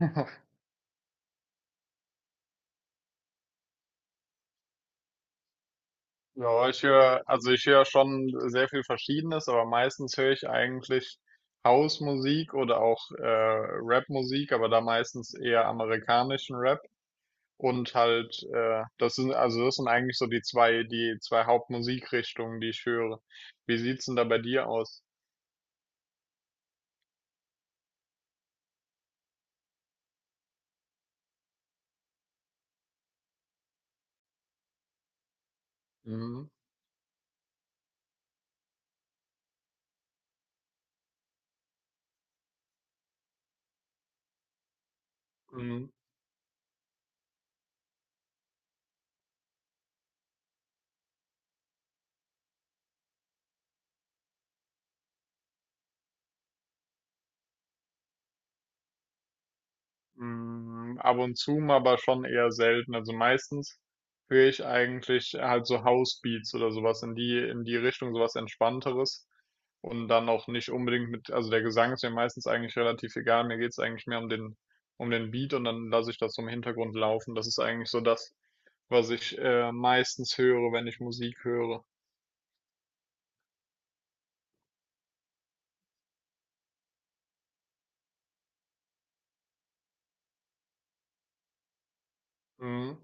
Ja, ich höre, also ich höre schon sehr viel Verschiedenes, aber meistens höre ich eigentlich Housemusik oder auch Rapmusik, aber da meistens eher amerikanischen Rap und halt, das sind, also das sind eigentlich so die zwei Hauptmusikrichtungen, die ich höre. Wie sieht's denn da bei dir aus? Mhm. Mhm. Hm, ab und zu mal, aber schon eher selten. Also meistens höre ich eigentlich halt so Housebeats oder sowas in die Richtung, sowas Entspannteres. Und dann auch nicht unbedingt mit, also der Gesang ist mir meistens eigentlich relativ egal. Mir geht's eigentlich mehr um um den Beat und dann lasse ich das so im Hintergrund laufen. Das ist eigentlich so das, was ich meistens höre, wenn ich Musik höre. Mhm.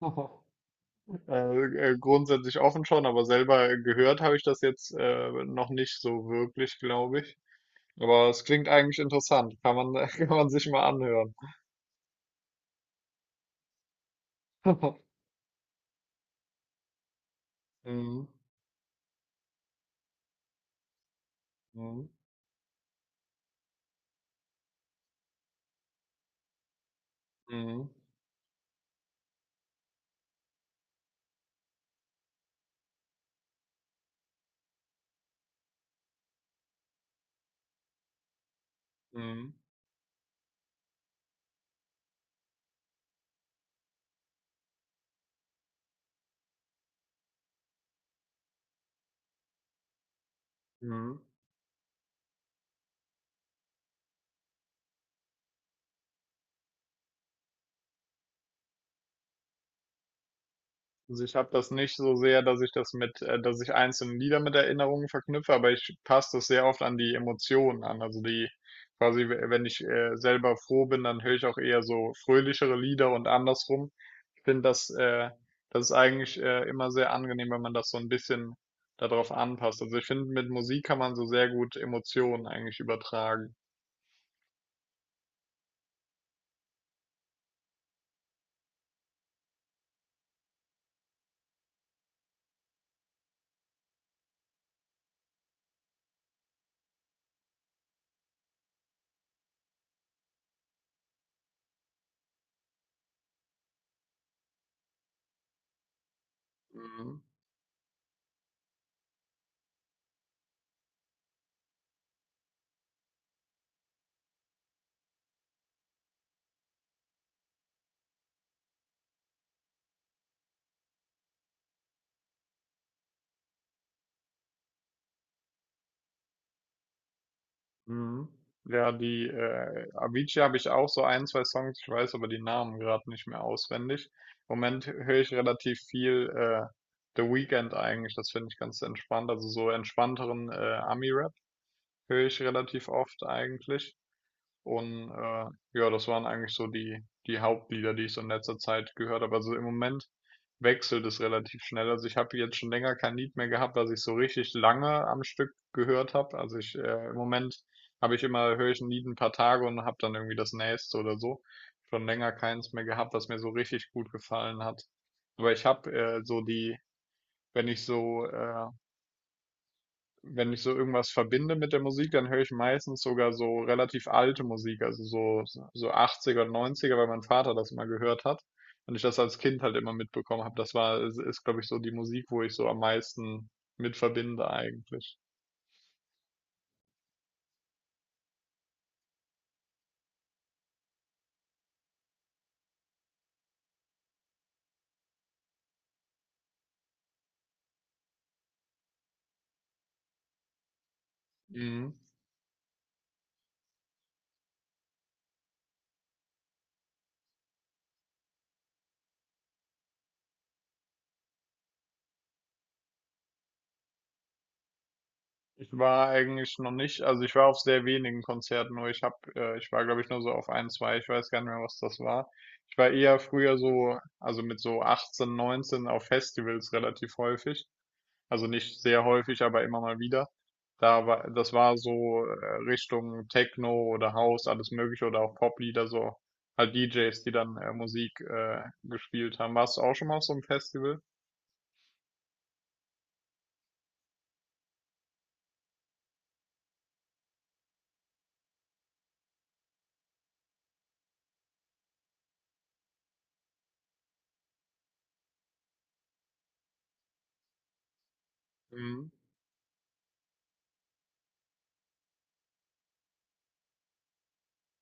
Grundsätzlich offen schon, aber selber gehört habe ich das jetzt noch nicht so wirklich, glaube ich. Aber es klingt eigentlich interessant. Kann man, kann man sich mal anhören. Mhm. Mhm. Mhm. Mhm. Mhm. Also ich habe das nicht so sehr, dass ich das mit, dass ich einzelne Lieder mit Erinnerungen verknüpfe, aber ich passe das sehr oft an die Emotionen an. Also die quasi, wenn ich selber froh bin, dann höre ich auch eher so fröhlichere Lieder und andersrum. Finde das, das ist eigentlich immer sehr angenehm, wenn man das so ein bisschen darauf anpasst. Also ich finde, mit Musik kann man so sehr gut Emotionen eigentlich übertragen. Mhm. Mhm. Ja, die Avicii habe ich auch so ein, zwei Songs, ich weiß aber die Namen gerade nicht mehr auswendig. Im Moment höre ich relativ viel The Weeknd eigentlich, das finde ich ganz entspannt. Also so entspannteren Ami-Rap höre ich relativ oft eigentlich. Und ja, das waren eigentlich so die Hauptlieder, die ich so in letzter Zeit gehört habe. Also im Moment wechselt es relativ schnell. Also ich habe jetzt schon länger kein Lied mehr gehabt, was ich so richtig lange am Stück gehört habe. Also ich im Moment höre ich ein Lied ein paar Tage und habe dann irgendwie das nächste oder so. Schon länger keins mehr gehabt, was mir so richtig gut gefallen hat. Aber ich habe so die, wenn ich so äh, wenn ich so irgendwas verbinde mit der Musik, dann höre ich meistens sogar so relativ alte Musik, also so, so 80er und 90er, weil mein Vater das immer gehört hat und ich das als Kind halt immer mitbekommen habe. Das war, ist glaube ich, so die Musik, wo ich so am meisten mit verbinde eigentlich. Mhm. Ich war eigentlich noch nicht, also ich war auf sehr wenigen Konzerten, nur ich habe, ich war glaube ich nur so auf ein, zwei, ich weiß gar nicht mehr, was das war. Ich war eher früher so, also mit so 18, 19 auf Festivals relativ häufig. Also nicht sehr häufig, aber immer mal wieder. Da war, das war so Richtung Techno oder House, alles Mögliche oder auch Poplieder, so halt DJs, die dann Musik gespielt haben. Warst du auch schon mal auf so einem Festival? Mhm.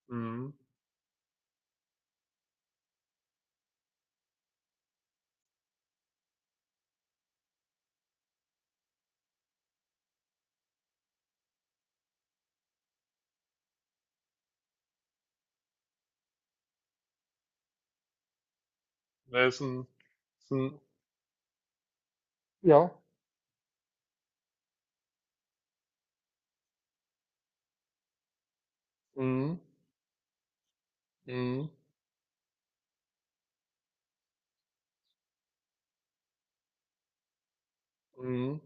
Mhm. Das ist ein ja. Mhm. Mhm. Mhm.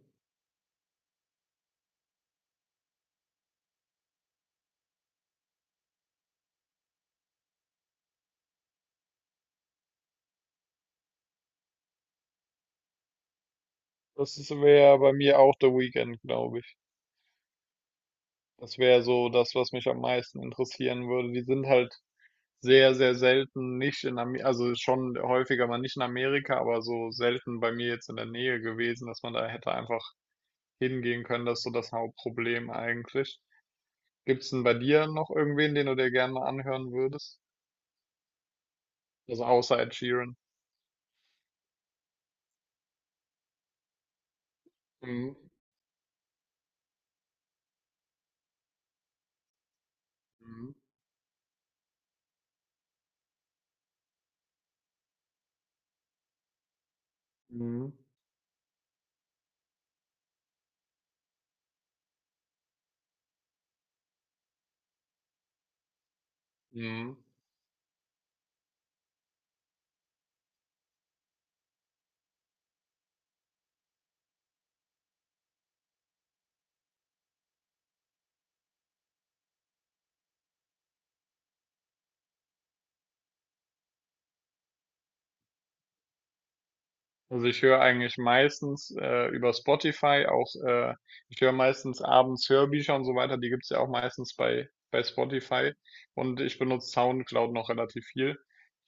Das wäre bei mir auch The Weeknd, glaube ich. Das wäre so das, was mich am meisten interessieren würde. Die sind halt sehr, sehr selten nicht in Ame, also schon häufiger mal nicht in Amerika, aber so selten bei mir jetzt in der Nähe gewesen, dass man da hätte einfach hingehen können. Das ist so das Hauptproblem eigentlich. Gibt's denn bei dir noch irgendwen, den du dir gerne mal anhören würdest? Also außer Ed Sheeran. Mhm. Mhm. Mhm. Mhm. Also ich höre eigentlich meistens über Spotify auch, ich höre meistens abends Hörbücher und so weiter, die gibt's ja auch meistens bei Spotify und ich benutze SoundCloud noch relativ viel.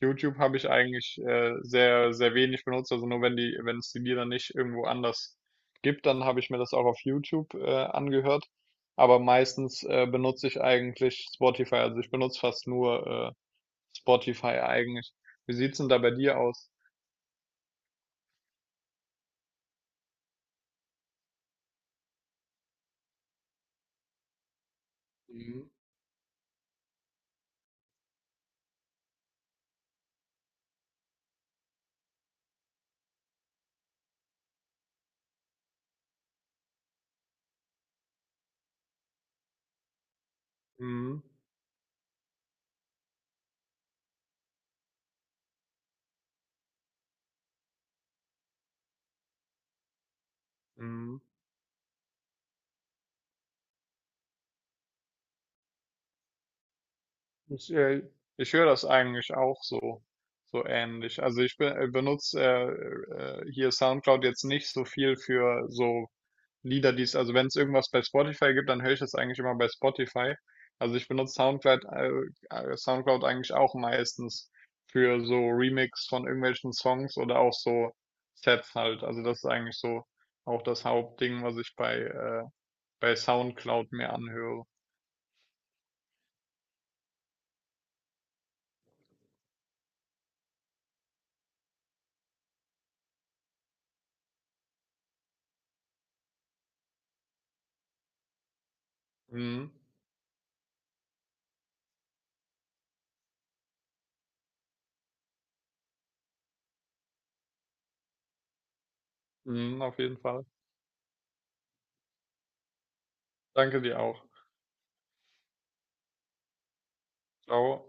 YouTube habe ich eigentlich sehr, sehr wenig benutzt, also nur wenn die, wenn es die Lieder nicht irgendwo anders gibt, dann habe ich mir das auch auf YouTube angehört. Aber meistens benutze ich eigentlich Spotify, also ich benutze fast nur Spotify eigentlich. Wie sieht's denn da bei dir aus? Mhm. Mhm. Mhm. Ich, äh, Ich höre das eigentlich auch so, so ähnlich. Also benutze hier SoundCloud jetzt nicht so viel für so Lieder, die es, also wenn es irgendwas bei Spotify gibt, dann höre ich das eigentlich immer bei Spotify. Also ich benutze SoundCloud eigentlich auch meistens für so Remix von irgendwelchen Songs oder auch so Sets halt. Also das ist eigentlich so auch das Hauptding, was ich bei SoundCloud mir anhöre. Mhm. Mhm, auf jeden Fall. Danke dir auch. Ciao.